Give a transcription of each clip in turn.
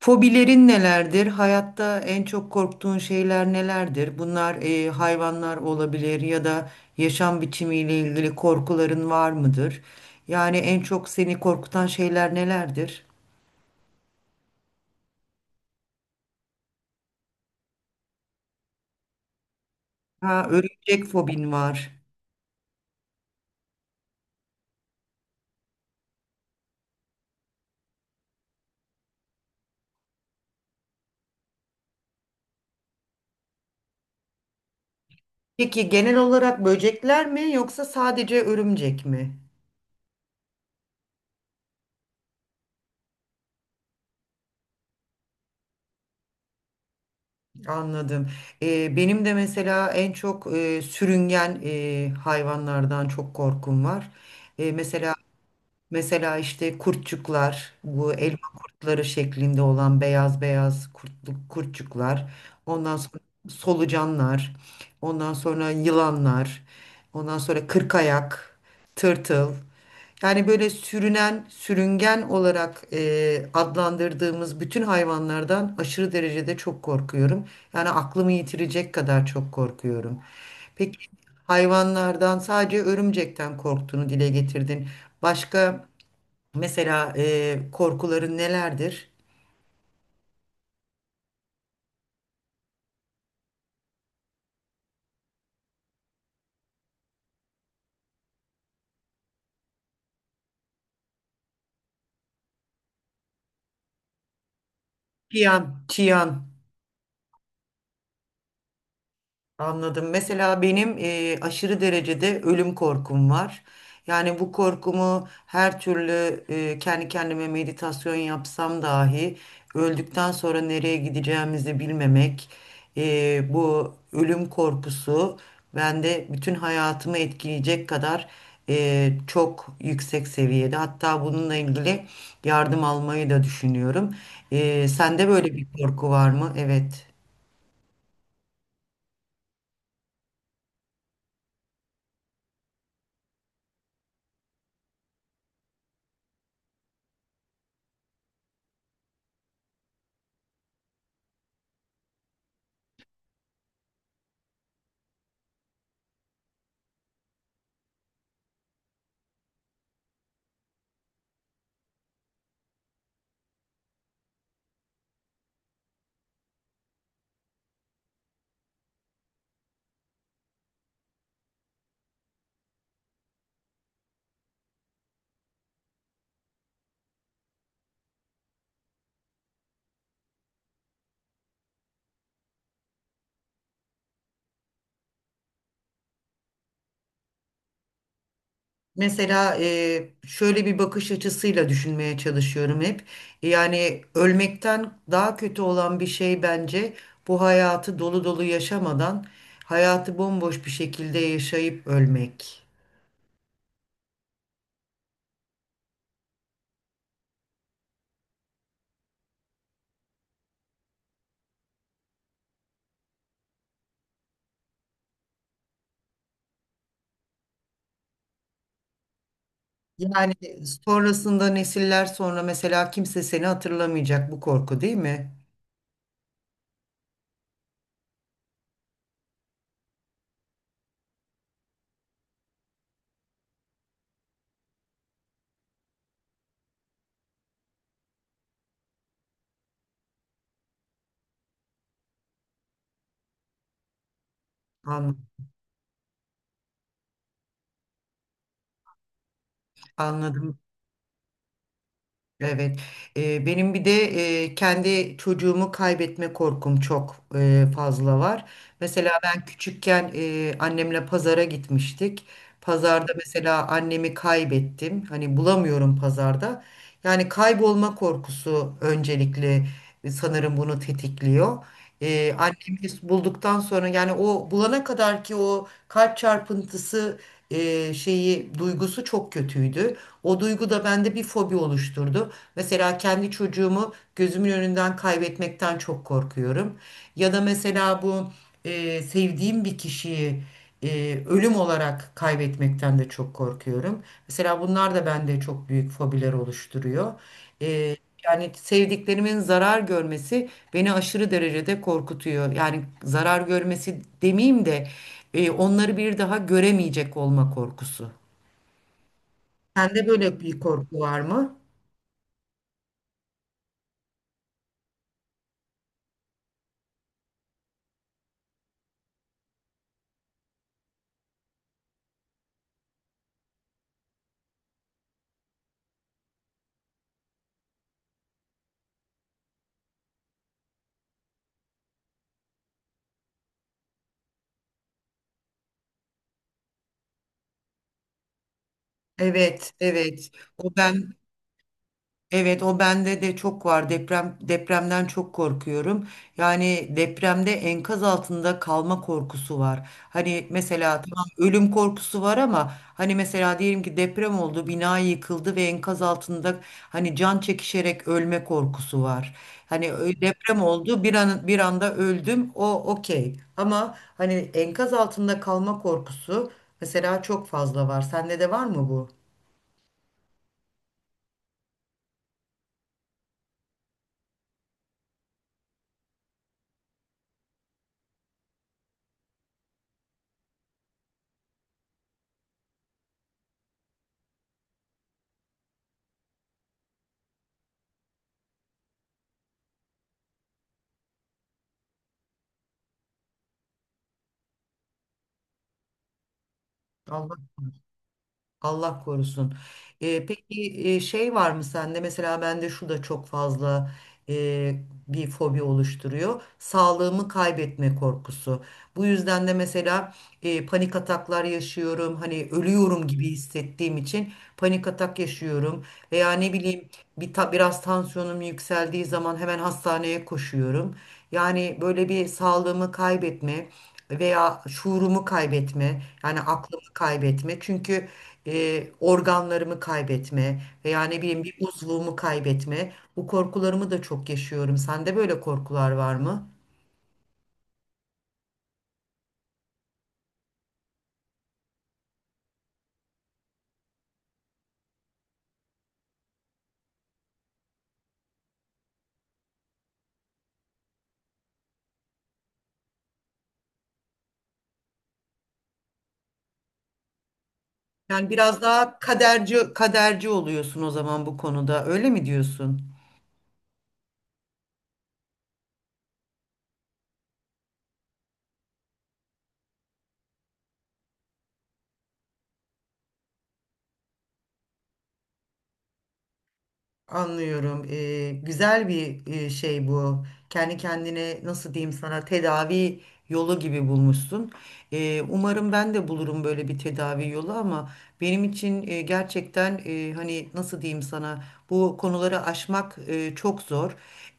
Fobilerin nelerdir? Hayatta en çok korktuğun şeyler nelerdir? Bunlar hayvanlar olabilir ya da yaşam biçimiyle ilgili korkuların var mıdır? Yani en çok seni korkutan şeyler nelerdir? Ha, örümcek fobin var. Peki genel olarak böcekler mi yoksa sadece örümcek mi? Anladım. Benim de mesela en çok sürüngen hayvanlardan çok korkum var. E, mesela Mesela işte kurtçuklar, bu elma kurtları şeklinde olan beyaz beyaz kurtlu, kurtçuklar, ondan sonra solucanlar, ondan sonra yılanlar, ondan sonra kırkayak, tırtıl. Yani böyle sürünen, sürüngen olarak adlandırdığımız bütün hayvanlardan aşırı derecede çok korkuyorum. Yani aklımı yitirecek kadar çok korkuyorum. Peki hayvanlardan sadece örümcekten korktuğunu dile getirdin. Başka mesela korkuların nelerdir? Çiyan, çiyan, anladım. Mesela benim aşırı derecede ölüm korkum var. Yani bu korkumu her türlü kendi kendime meditasyon yapsam dahi öldükten sonra nereye gideceğimizi bilmemek, bu ölüm korkusu bende bütün hayatımı etkileyecek kadar çok yüksek seviyede. Hatta bununla ilgili yardım almayı da düşünüyorum. Sende böyle bir korku var mı? Evet. Mesela şöyle bir bakış açısıyla düşünmeye çalışıyorum hep. Yani ölmekten daha kötü olan bir şey bence bu hayatı dolu dolu yaşamadan hayatı bomboş bir şekilde yaşayıp ölmek. Yani sonrasında nesiller sonra mesela kimse seni hatırlamayacak, bu korku değil mi? An- Anladım. Evet. Benim bir de kendi çocuğumu kaybetme korkum çok fazla var. Mesela ben küçükken annemle pazara gitmiştik. Pazarda mesela annemi kaybettim. Hani bulamıyorum pazarda. Yani kaybolma korkusu öncelikle sanırım bunu tetikliyor. Annemi bulduktan sonra yani o bulana kadar ki o kalp çarpıntısı şeyi duygusu çok kötüydü. O duygu da bende bir fobi oluşturdu. Mesela kendi çocuğumu gözümün önünden kaybetmekten çok korkuyorum. Ya da mesela bu sevdiğim bir kişiyi ölüm olarak kaybetmekten de çok korkuyorum. Mesela bunlar da bende çok büyük fobiler oluşturuyor. E, Yani sevdiklerimin zarar görmesi beni aşırı derecede korkutuyor. Yani zarar görmesi demeyeyim de onları bir daha göremeyecek olma korkusu. Sende böyle bir korku var mı? Evet, evet. O ben, evet o bende de çok var. Depremden çok korkuyorum. Yani depremde enkaz altında kalma korkusu var. Hani mesela tamam ölüm korkusu var ama hani mesela diyelim ki deprem oldu, bina yıkıldı ve enkaz altında hani can çekişerek ölme korkusu var. Hani deprem oldu, bir anda öldüm. O okey. Ama hani enkaz altında kalma korkusu mesela çok fazla var. Sende de var mı bu? Allah Allah korusun. Peki şey var mı sende? Mesela bende şu da çok fazla e, bir fobi oluşturuyor. Sağlığımı kaybetme korkusu. Bu yüzden de mesela panik ataklar yaşıyorum. Hani ölüyorum gibi hissettiğim için panik atak yaşıyorum. Veya ne bileyim bir biraz tansiyonum yükseldiği zaman hemen hastaneye koşuyorum. Yani böyle bir sağlığımı kaybetme veya şuurumu kaybetme, yani aklımı kaybetme. Çünkü organlarımı kaybetme veya ne bileyim bir uzvumu kaybetme. Bu korkularımı da çok yaşıyorum. Sende böyle korkular var mı? Yani biraz daha kaderci oluyorsun o zaman bu konuda. Öyle mi diyorsun? Anlıyorum. Güzel bir şey bu. Kendi kendine nasıl diyeyim sana tedavi yolu gibi bulmuşsun. Umarım ben de bulurum böyle bir tedavi yolu ama benim için gerçekten hani nasıl diyeyim sana, bu konuları aşmak çok zor.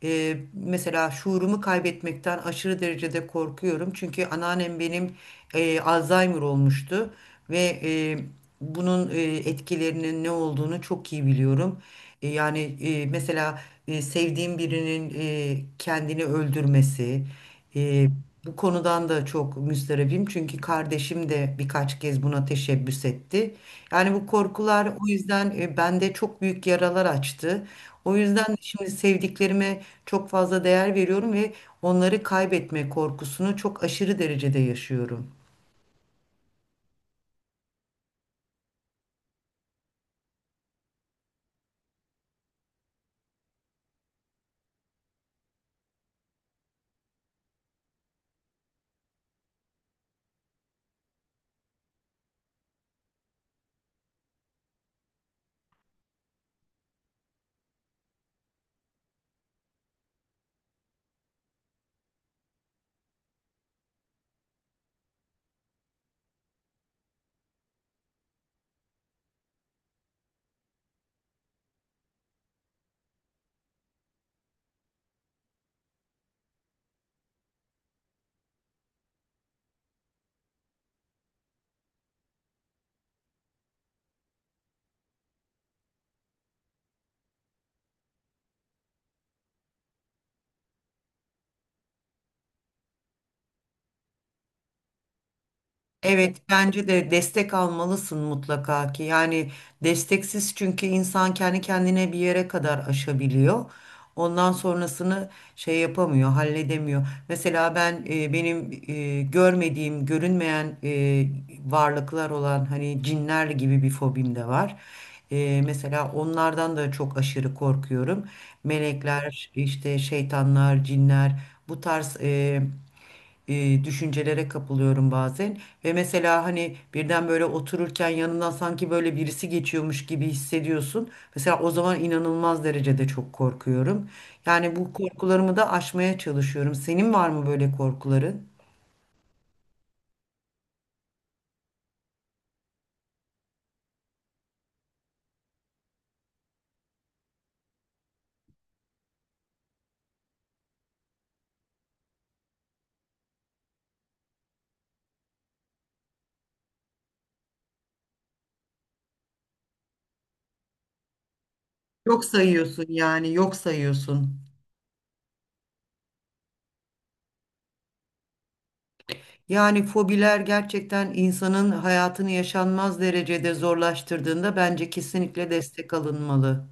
Mesela şuurumu kaybetmekten aşırı derecede korkuyorum. Çünkü anneannem benim Alzheimer olmuştu ve bunun etkilerinin ne olduğunu çok iyi biliyorum. Yani mesela sevdiğim birinin kendini öldürmesi, e, bu konudan da çok müsterebim çünkü kardeşim de birkaç kez buna teşebbüs etti. Yani bu korkular o yüzden bende çok büyük yaralar açtı. O yüzden de şimdi sevdiklerime çok fazla değer veriyorum ve onları kaybetme korkusunu çok aşırı derecede yaşıyorum. Evet, bence de destek almalısın mutlaka ki. Yani desteksiz çünkü insan kendi kendine bir yere kadar aşabiliyor. Ondan sonrasını şey yapamıyor, halledemiyor. Mesela benim görmediğim, görünmeyen varlıklar olan hani cinler gibi bir fobim de var. Mesela onlardan da çok aşırı korkuyorum. Melekler, işte şeytanlar, cinler, bu tarz düşüncelere kapılıyorum bazen. Ve mesela hani birden böyle otururken yanından sanki böyle birisi geçiyormuş gibi hissediyorsun. Mesela o zaman inanılmaz derecede çok korkuyorum. Yani bu korkularımı da aşmaya çalışıyorum. Senin var mı böyle korkuların? Yok sayıyorsun yani yok sayıyorsun. Yani fobiler gerçekten insanın hayatını yaşanmaz derecede zorlaştırdığında bence kesinlikle destek alınmalı.